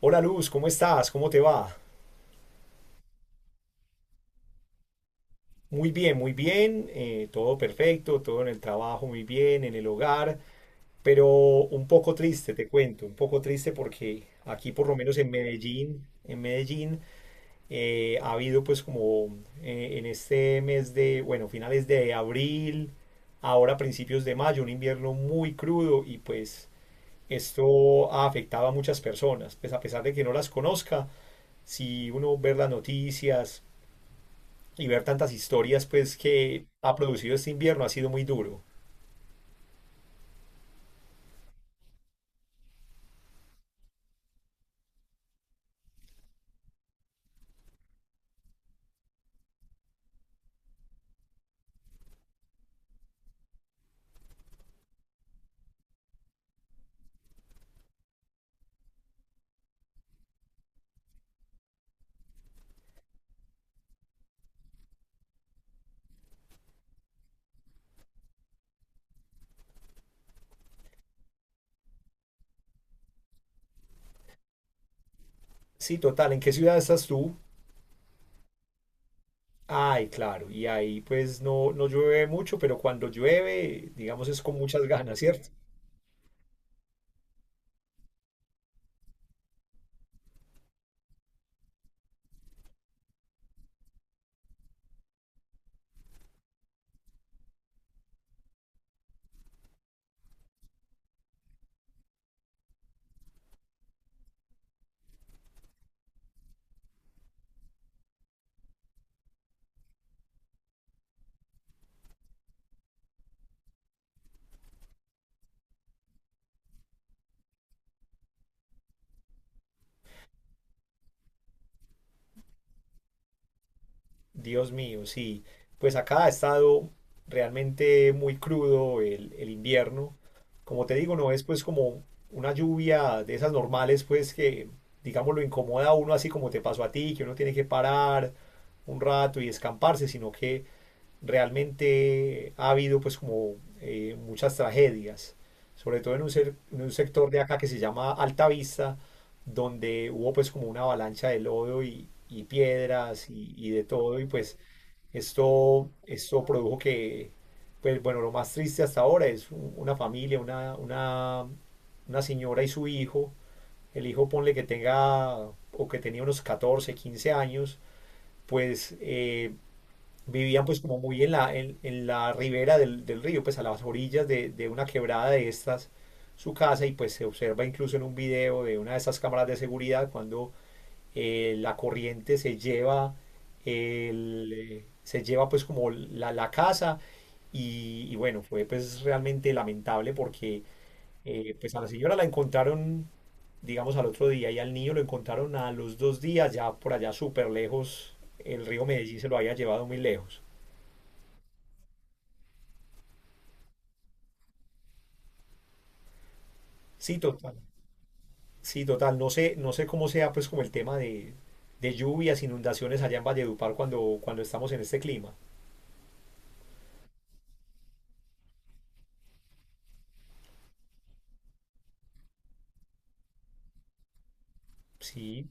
Hola Luz, ¿cómo estás? ¿Cómo te va? Muy bien, todo perfecto, todo en el trabajo muy bien, en el hogar, pero un poco triste, te cuento, un poco triste porque aquí por lo menos en Medellín, en Medellín, ha habido pues como en este mes de, bueno, finales de abril, ahora principios de mayo, un invierno muy crudo y pues esto ha afectado a muchas personas, pues a pesar de que no las conozca, si uno ve las noticias, y ver tantas historias pues que ha producido este invierno ha sido muy duro. Sí, total, ¿en qué ciudad estás tú? Ay, claro, y ahí pues no, no llueve mucho, pero cuando llueve, digamos, es con muchas ganas, ¿cierto? Dios mío, sí. Pues acá ha estado realmente muy crudo el invierno. Como te digo, no es pues como una lluvia de esas normales, pues que, digamos, lo incomoda a uno así como te pasó a ti, que uno tiene que parar un rato y escamparse, sino que realmente ha habido pues como muchas tragedias, sobre todo en un, en un sector de acá que se llama Altavista, donde hubo pues como una avalancha de lodo y piedras y de todo, y pues esto produjo que, pues bueno, lo más triste hasta ahora es una familia, una señora y su hijo, el hijo ponle que tenga o que tenía unos 14 o 15 años, pues vivían pues como muy en la ribera del, del río, pues a las orillas de una quebrada de estas, su casa y pues se observa incluso en un video de una de esas cámaras de seguridad cuando la corriente se lleva, el, se lleva pues como la casa y bueno, fue pues realmente lamentable porque pues a la señora la encontraron digamos al otro día y al niño lo encontraron a los dos días ya por allá súper lejos, el río Medellín se lo había llevado muy lejos. Sí, total. Sí, total. No sé, no sé cómo sea pues como el tema de lluvias, inundaciones allá en Valledupar cuando, cuando estamos en este clima. Sí,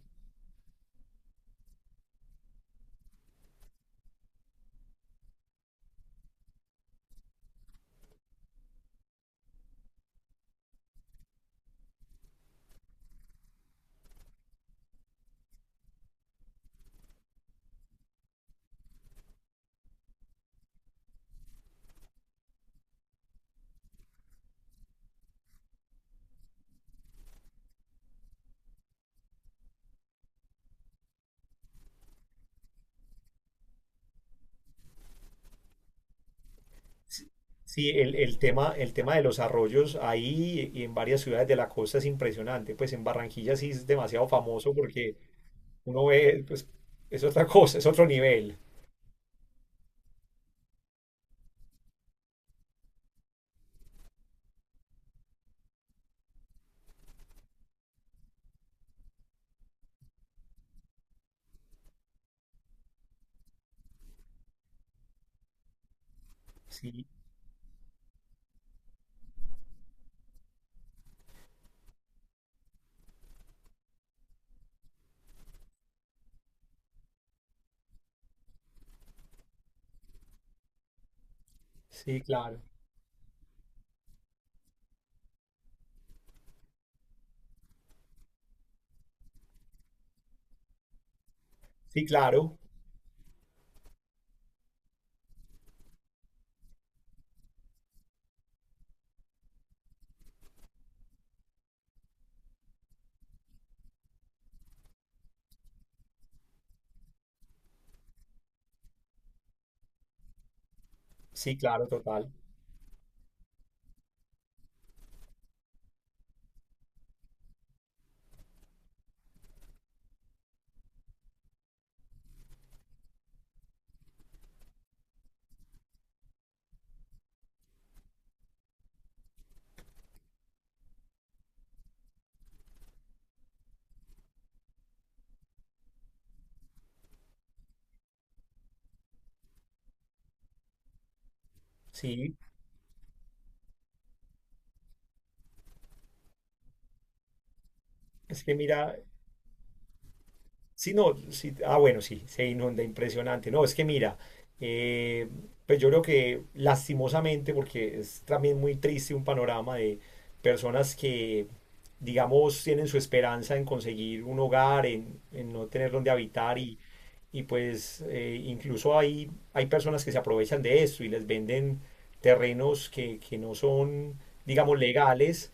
sí, sí, el tema, el tema de los arroyos ahí y en varias ciudades de la costa es impresionante. Pues en Barranquilla sí es demasiado famoso porque uno ve, pues es otra cosa, es otro nivel. Sí, sí, claro. Sí, claro. Sí, claro, total. Sí, es que mira. Sí, no, sí, ah, bueno, sí, se inunda, impresionante. No, es que mira, eh, pues yo creo que lastimosamente, porque es también muy triste un panorama de personas que, digamos, tienen su esperanza en conseguir un hogar, en no tener donde habitar y pues incluso hay, hay personas que se aprovechan de esto y les venden terrenos que no son, digamos, legales.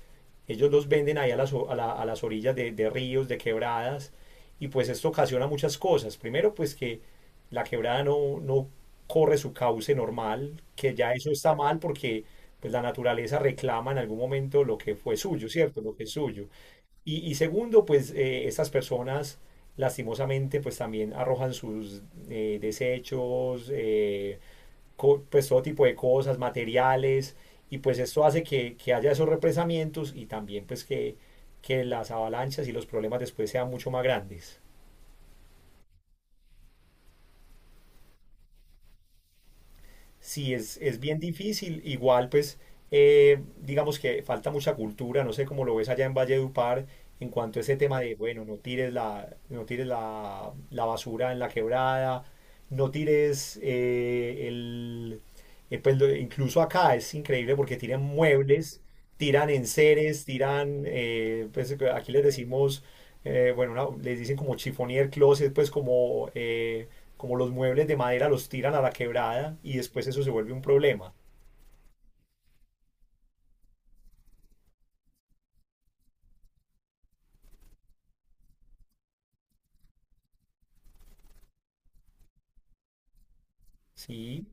Ellos los venden ahí a las, a a las orillas de ríos, de quebradas y pues esto ocasiona muchas cosas. Primero, pues que la quebrada no, no corre su cauce normal, que ya eso está mal porque pues la naturaleza reclama en algún momento lo que fue suyo, ¿cierto? Lo que es suyo. Y segundo, pues estas personas lastimosamente pues también arrojan sus desechos, pues todo tipo de cosas, materiales, y pues esto hace que haya esos represamientos y también pues que las avalanchas y los problemas después sean mucho más grandes. Sí, es bien difícil. Igual, pues, digamos que falta mucha cultura. No sé cómo lo ves allá en Valledupar en cuanto a ese tema de, bueno, no tires la, no tires la, la basura en la quebrada, no tires el... pues, incluso acá es increíble porque tiran muebles, tiran enseres, tiran, pues aquí les decimos, bueno, les dicen como chiffonier closet, pues como... como los muebles de madera los tiran a la quebrada y después eso se vuelve un problema. Sí,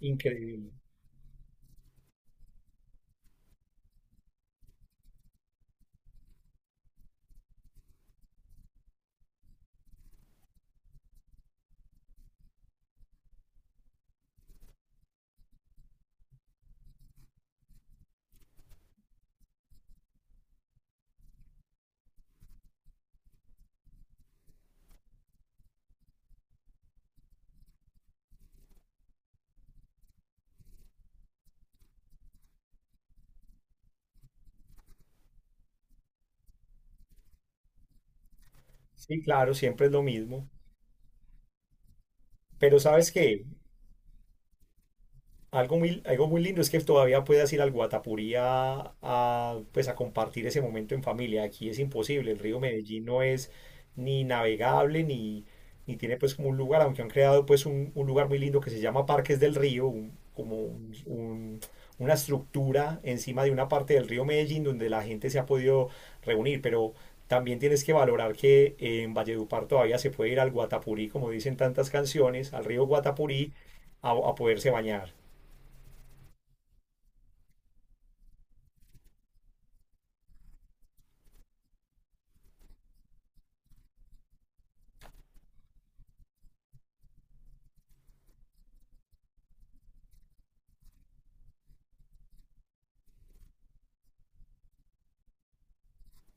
increíble. Sí, claro, siempre es lo mismo. Pero ¿sabes qué? Algo muy, algo muy lindo es que todavía puedas ir al Guatapurí a, pues, a compartir ese momento en familia. Aquí es imposible. El río Medellín no es ni navegable ni, ni tiene pues como un lugar, aunque han creado pues un lugar muy lindo que se llama Parques del Río, como una estructura encima de una parte del río Medellín donde la gente se ha podido reunir, pero también tienes que valorar que en Valledupar todavía se puede ir al Guatapurí, como dicen tantas canciones, al río Guatapurí a poderse bañar.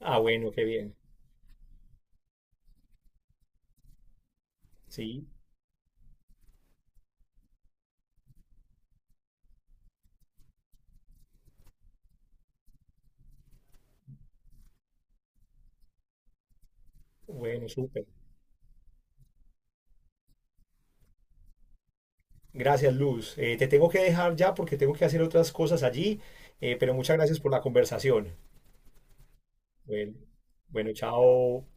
Ah, bueno, qué bien. Sí, bueno, súper. Gracias, Luz. Te tengo que dejar ya porque tengo que hacer otras cosas allí, pero muchas gracias por la conversación. Bueno, bueno, chao.